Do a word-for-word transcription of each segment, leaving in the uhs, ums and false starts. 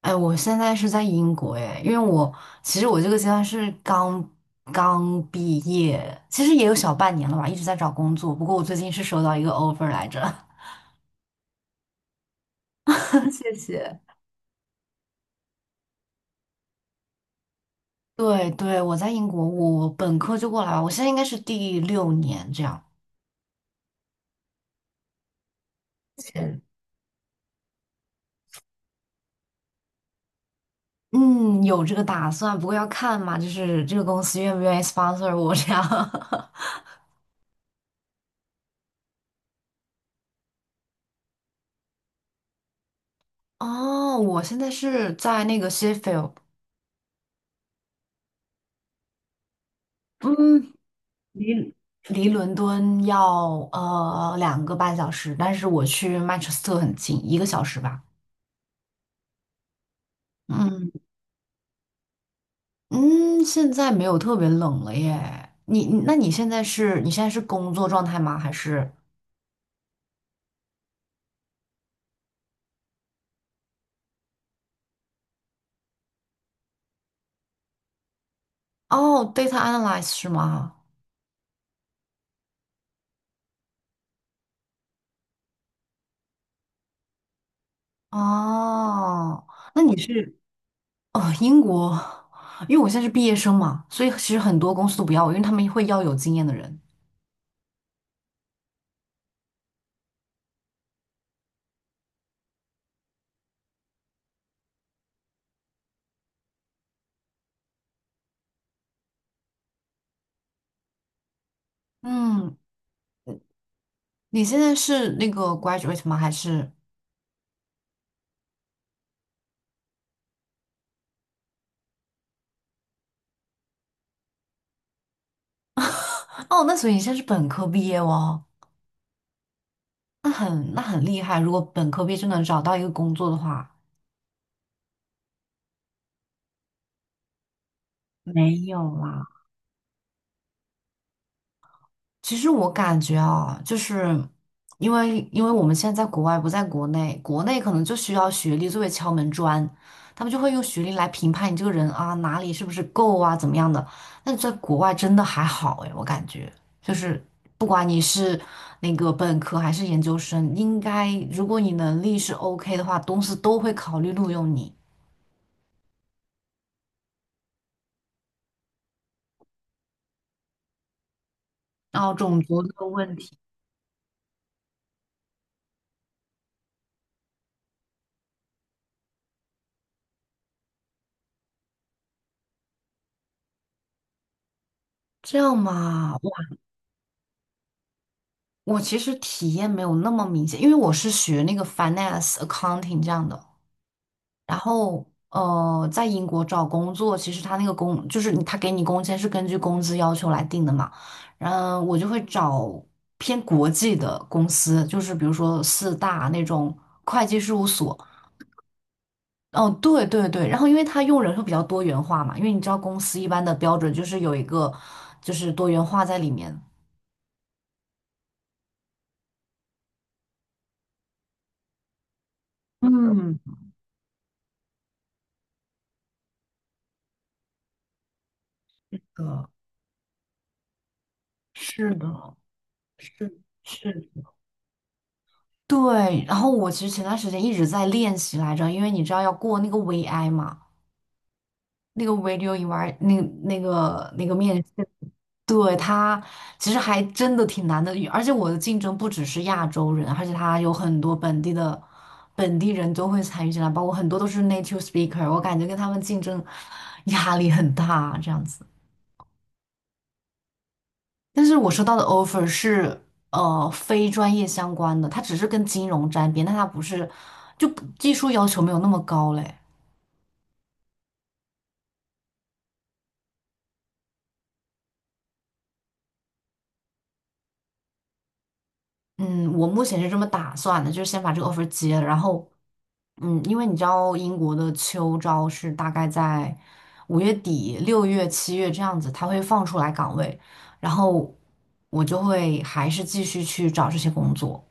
哎，我现在是在英国哎，因为我其实我这个阶段是刚刚毕业，其实也有小半年了吧，一直在找工作。不过我最近是收到一个 offer 来着，谢谢。对对，我在英国，我本科就过来了，我现在应该是第六年这样。是嗯，有这个打算，不过要看嘛，就是这个公司愿不愿意 sponsor 我这样。哦，我现在是在那个 Sheffield，嗯，离离伦敦要呃两个半小时，但是我去曼彻斯特很近，一个小时吧。嗯嗯，现在没有特别冷了耶。你你那你现在是你现在是工作状态吗？还是哦，data analyst 是吗？哦，那你是哦英国，因为我现在是毕业生嘛，所以其实很多公司都不要我，因为他们会要有经验的人。嗯，你现在是那个 graduate 吗？还是哦，那所以你现在是本科毕业哦。那很那很厉害。如果本科毕业就能找到一个工作的话，没有啦。其实我感觉啊，就是因为因为我们现在在国外不在国内，国内可能就需要学历作为敲门砖，他们就会用学历来评判你这个人啊，哪里是不是够啊，怎么样的。但在国外真的还好诶，我感觉就是不管你是那个本科还是研究生，应该如果你能力是 OK 的话，公司都会考虑录用你。然后种族的问题。这样嘛，我我其实体验没有那么明显，因为我是学那个 finance accounting 这样的。然后，呃，在英国找工作，其实他那个工就是你他给你工签是根据工资要求来定的嘛。然后我就会找偏国际的公司，就是比如说四大那种会计事务所。哦，对对对，然后因为他用人会比较多元化嘛，因为你知道公司一般的标准就是有一个就是多元化在里面。嗯，呃，是的，是是，对，然后我其实前段时间一直在练习来着，因为你知道要过那个 V I 嘛，那个 video eval 那那个那个面试，对，他其实还真的挺难的，而且我的竞争不只是亚洲人，而且他有很多本地的本地人都会参与进来，包括很多都是 native speaker，我感觉跟他们竞争压力很大，这样子。但是我收到的 offer 是呃非专业相关的，它只是跟金融沾边，但它不是就不技术要求没有那么高嘞。嗯，我目前是这么打算的，就是先把这个 offer 接了，然后嗯，因为你知道英国的秋招是大概在五月底、六月、七月这样子，它会放出来岗位，然后我就会还是继续去找这些工作。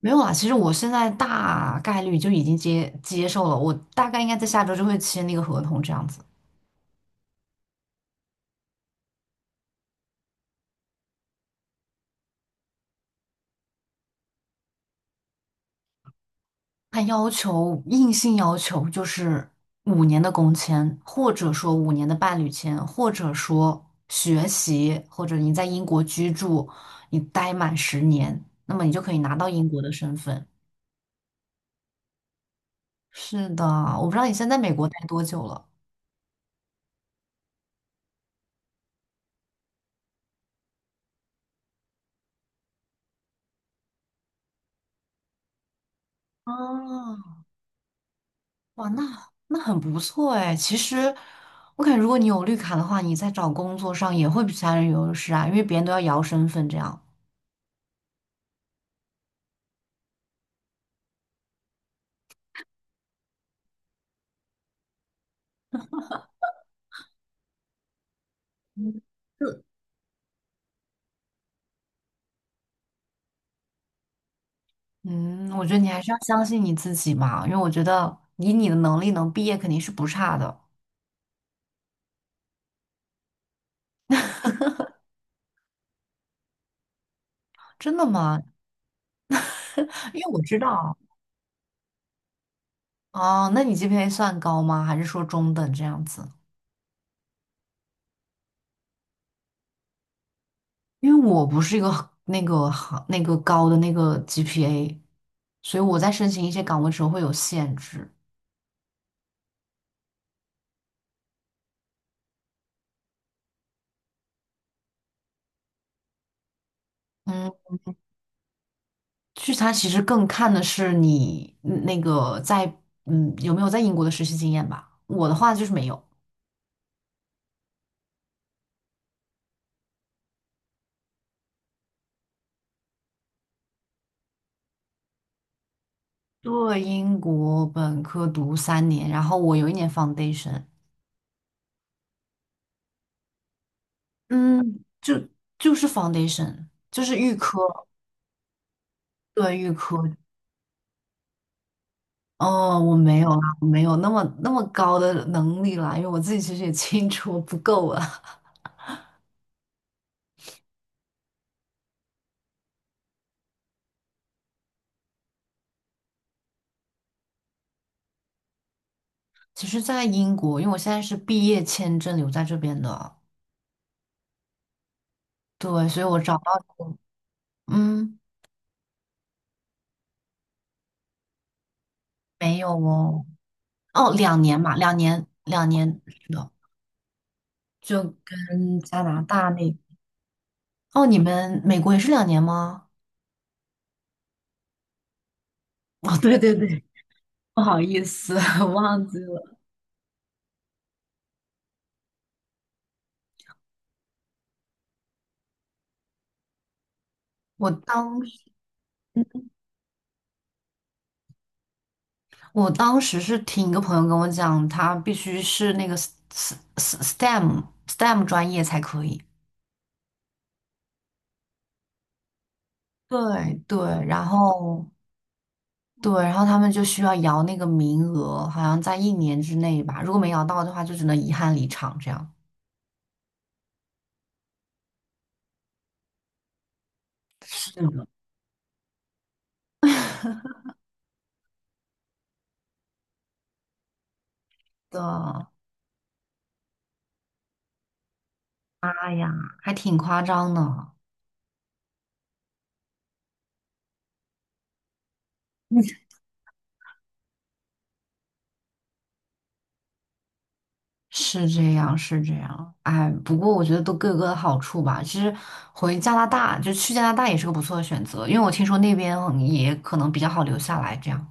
没有啊，其实我现在大概率就已经接接受了，我大概应该在下周就会签那个合同这样子。他要求硬性要求就是五年的工签，或者说五年的伴侣签，或者说学习，或者你在英国居住，你待满十年，那么你就可以拿到英国的身份。是的，我不知道你现在在美国待多久了。啊，哇，那那很不错哎。其实，我感觉如果你有绿卡的话，你在找工作上也会比其他人有优势啊，因为别人都要摇身份这样。嗯，我觉得你还是要相信你自己嘛，因为我觉得以你的能力能毕业肯定是不差的。真的吗？因为我知道哦，那你 G P A 算高吗？还是说中等这样子？因为我不是一个那个行那个高的那个 G P A，所以我在申请一些岗位的时候会有限制。嗯。聚餐其实更看的是你嗯那个在嗯有没有在英国的实习经验吧。我的话就是没有，对英国本科读三年，然后我有一年 foundation，嗯，就就是 foundation，就是预科，对预科。哦，我没有啦，我没有那么那么高的能力啦，因为我自己其实也清楚我不够啊。其实，在英国，因为我现在是毕业签证留在这边的，对，所以我找到，嗯，没有哦。哦，两年嘛，两年，两年是的，就跟加拿大那，哦，你们美国也是两年吗？哦，对对对，不好意思，忘记了。我当时，我当时是听一个朋友跟我讲，他必须是那个 s- s- S- STEM S T E M 专业才可以。对对，然后对，然后他们就需要摇那个名额，好像在一年之内吧，如果没摇到的话，就只能遗憾离场这样。是的。哎呀，还挺夸张的。是这样，是这样。哎，不过我觉得都各有各的好处吧。其实回加拿大，就去加拿大也是个不错的选择，因为我听说那边也可能比较好留下来这样。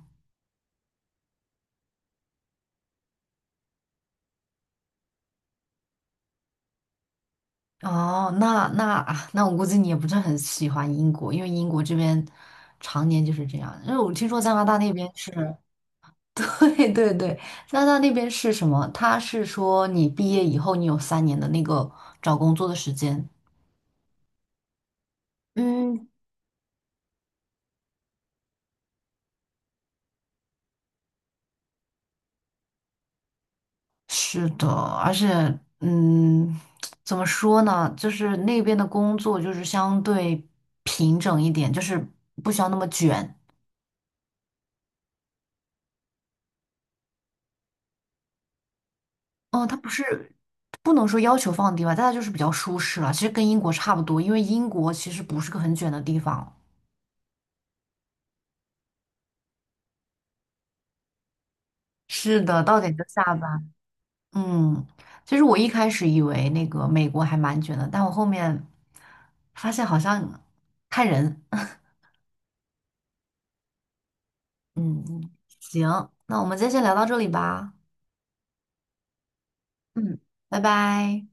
哦，那那啊，那我估计你也不是很喜欢英国，因为英国这边常年就是这样。因为我听说加拿大那边是，对对对，加拿大那边是什么？他是说你毕业以后，你有三年的那个找工作的时间。嗯。是的，而且，嗯，怎么说呢？就是那边的工作就是相对平整一点，就是不需要那么卷。哦，它不是不能说要求放低吧，但它就是比较舒适了。其实跟英国差不多，因为英国其实不是个很卷的地方。是的，到点就下班。嗯，其实我一开始以为那个美国还蛮卷的，但我后面发现好像看人。嗯，嗯行，那我们今天先聊到这里吧。嗯，拜拜。